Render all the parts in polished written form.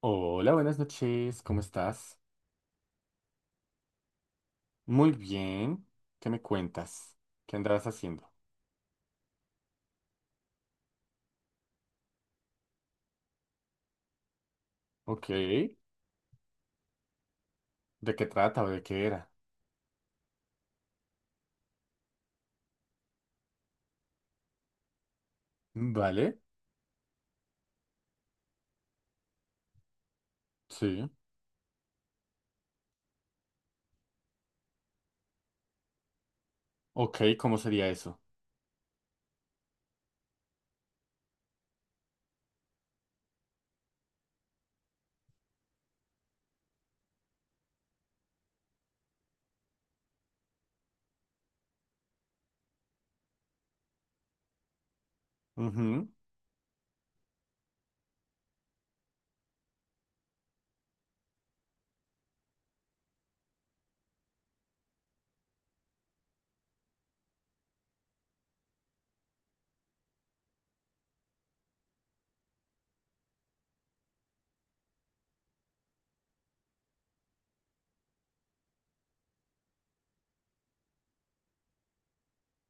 Hola, buenas noches, ¿cómo estás? Muy bien, ¿qué me cuentas? ¿Qué andabas haciendo? Ok, ¿de qué trata o de qué era? Vale, sí. Ok, ¿cómo sería eso? Ujú,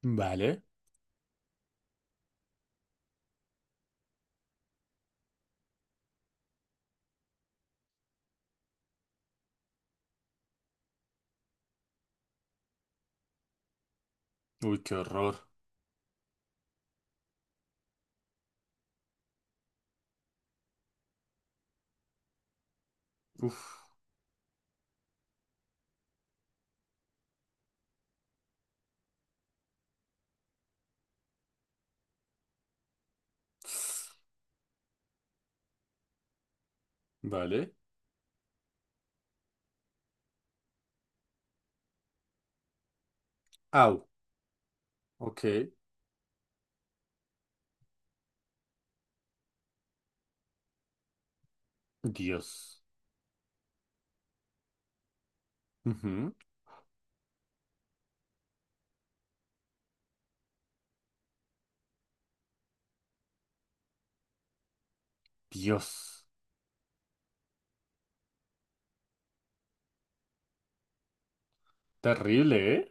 vale. Uy, qué horror. Uf. Vale. Au. Ok. Dios. Ujú, Dios. Terrible, ¿eh?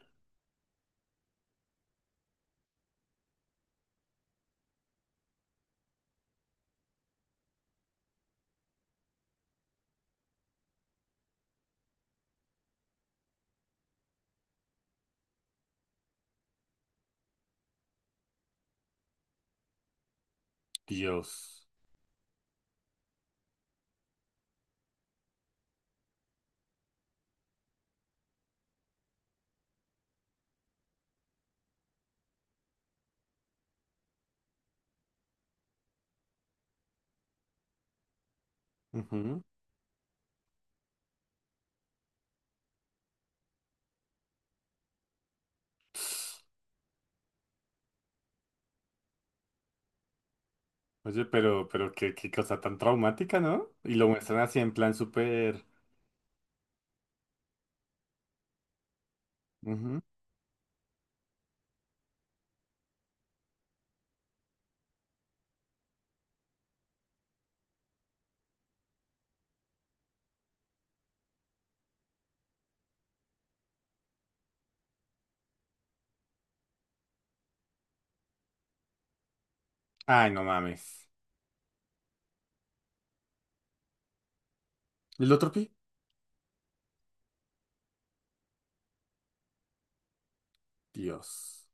Dios. Ujú. Oye, pero qué, qué cosa tan traumática, ¿no? Y lo muestran así en plan súper... Ujú. Ay, no mames. ¿El otro pi? Dios.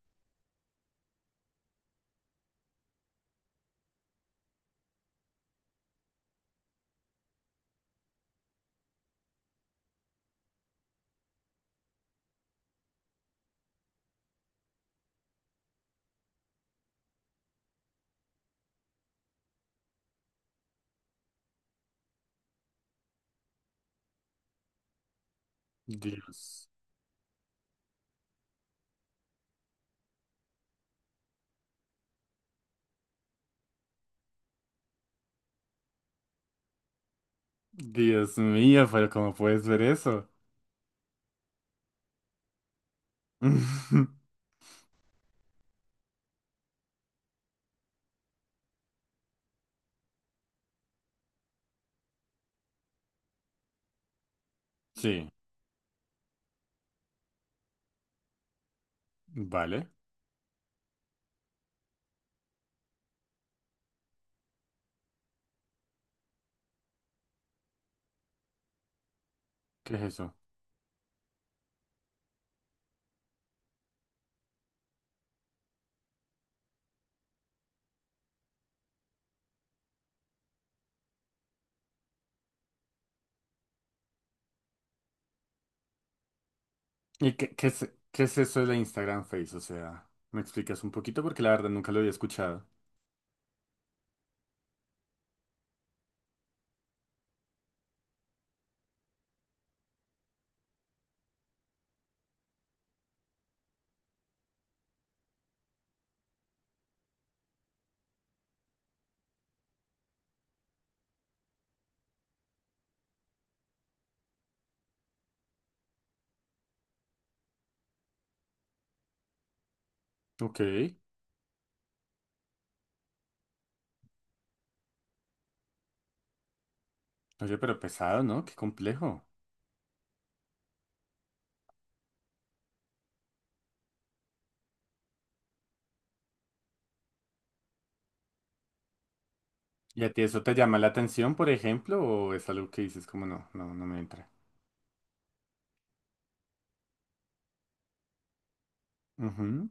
Dios. Dios mío, pero ¿cómo puedes ver eso? Sí, vale. ¿Qué es eso? ¿Y qué, qué es eso de la Instagram Face? O sea, ¿me explicas un poquito? Porque la verdad nunca lo había escuchado. Ok. Oye, pero pesado, ¿no? Qué complejo. ¿Y a ti eso te llama la atención, por ejemplo? ¿O es algo que dices como no, no, no me entra? Ujú.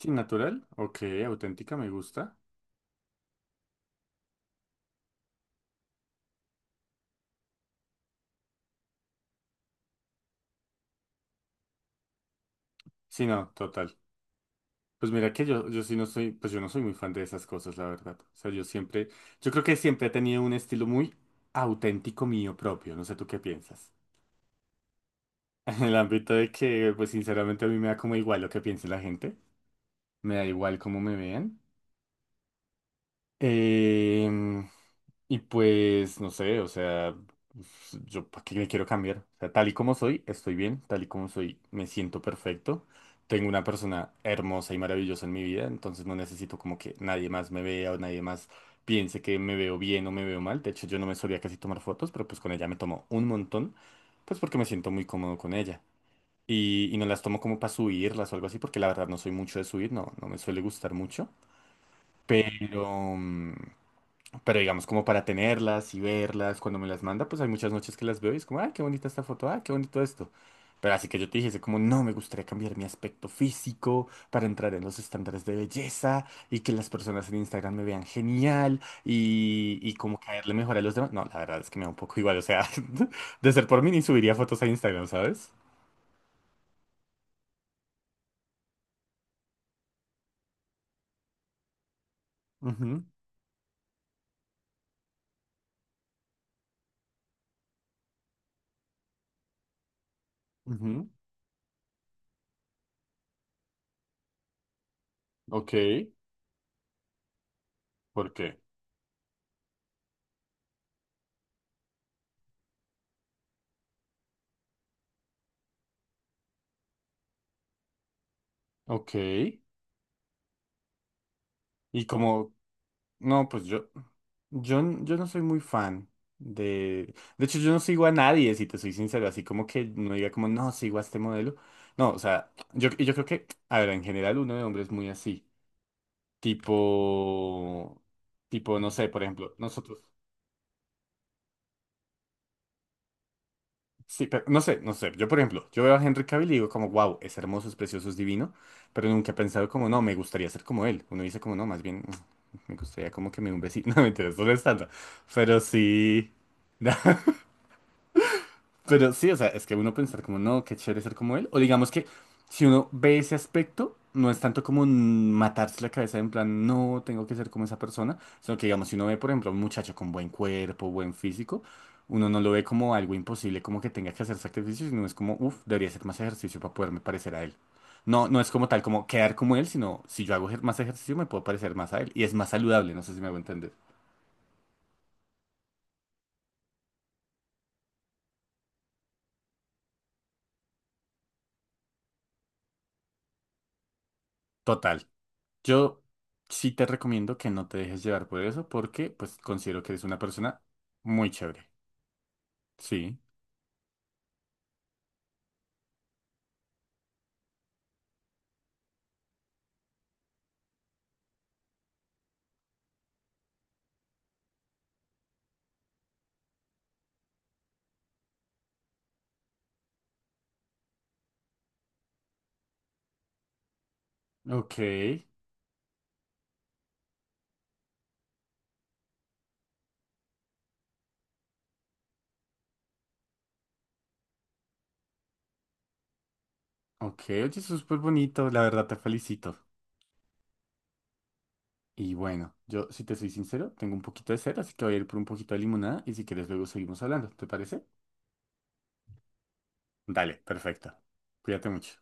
Sí, natural. Ok, auténtica, me gusta. Sí, no, total. Pues mira que yo sí no soy, pues yo no soy muy fan de esas cosas, la verdad. O sea, yo siempre, yo creo que siempre he tenido un estilo muy auténtico mío propio. No sé tú qué piensas. En el ámbito de que, pues sinceramente a mí me da como igual lo que piense la gente. Me da igual cómo me vean. Em, Y pues, no sé, o sea, pues, yo para qué me quiero cambiar. O sea, tal y como soy, estoy bien, tal y como soy, me siento perfecto. Tengo una persona hermosa y maravillosa en mi vida, entonces no necesito como que nadie más me vea o nadie más piense que me veo bien o me veo mal. De hecho, yo no me solía casi tomar fotos, pero pues con ella me tomo un montón, pues porque me siento muy cómodo con ella. Y no las tomo como para subirlas o algo así, porque la verdad no soy mucho de subir, no, no me suele gustar mucho. Pero, mm, pero digamos, como para tenerlas y verlas, cuando me las manda, pues hay muchas noches que las veo y es como, ah, qué bonita esta foto, ah, qué bonito esto. Pero así que yo te dijese como, no, me gustaría cambiar mi aspecto físico para entrar en los estándares de belleza y que las personas en Instagram me vean genial y como caerle mejor a los demás. No, la verdad es que me da un poco igual, o sea, de ser por mí ni subiría fotos a Instagram, ¿sabes? Ujú, ujú. Ok, ¿por qué? Ok. ¿Y como No, pues yo, yo no soy muy fan de... De hecho, yo no sigo a nadie, si te soy sincero, así como que no diga como, no, sigo a este modelo. No, o sea, yo, y yo creo que, a ver, en general uno de hombres es muy así, tipo, tipo, no sé, por ejemplo, nosotros... Sí, pero no sé, no sé. Yo, por ejemplo, yo veo a Henry Cavill y digo como, wow, es hermoso, es precioso, es divino, pero nunca he pensado como, no, me gustaría ser como él. Uno dice como, no, más bien, mm, me gustaría como que me dé un besito. No, me interesa, no es tanto. Pero sí... Pero sí, o sea, es que uno pensar como, no, qué chévere ser como él. O digamos que si uno ve ese aspecto, no es tanto como mm, matarse la cabeza en plan, no, tengo que ser como esa persona, sino que digamos, si uno ve, por ejemplo, a un muchacho con buen cuerpo, buen físico, uno no lo ve como algo imposible, como que tenga que hacer sacrificios, sino es como, uff, debería hacer más ejercicio para poderme parecer a él. No, no es como tal, como quedar como él, sino si yo hago más ejercicio me puedo parecer más a él. Y es más saludable, no sé si me hago entender. Total. Yo sí te recomiendo que no te dejes llevar por eso porque pues considero que eres una persona muy chévere. Sí. Ok. Ok. Oye, eso es súper bonito. La verdad te felicito. Y bueno, yo si te soy sincero, tengo un poquito de sed, así que voy a ir por un poquito de limonada y si quieres luego seguimos hablando. ¿Te parece? Dale, perfecto. Cuídate mucho.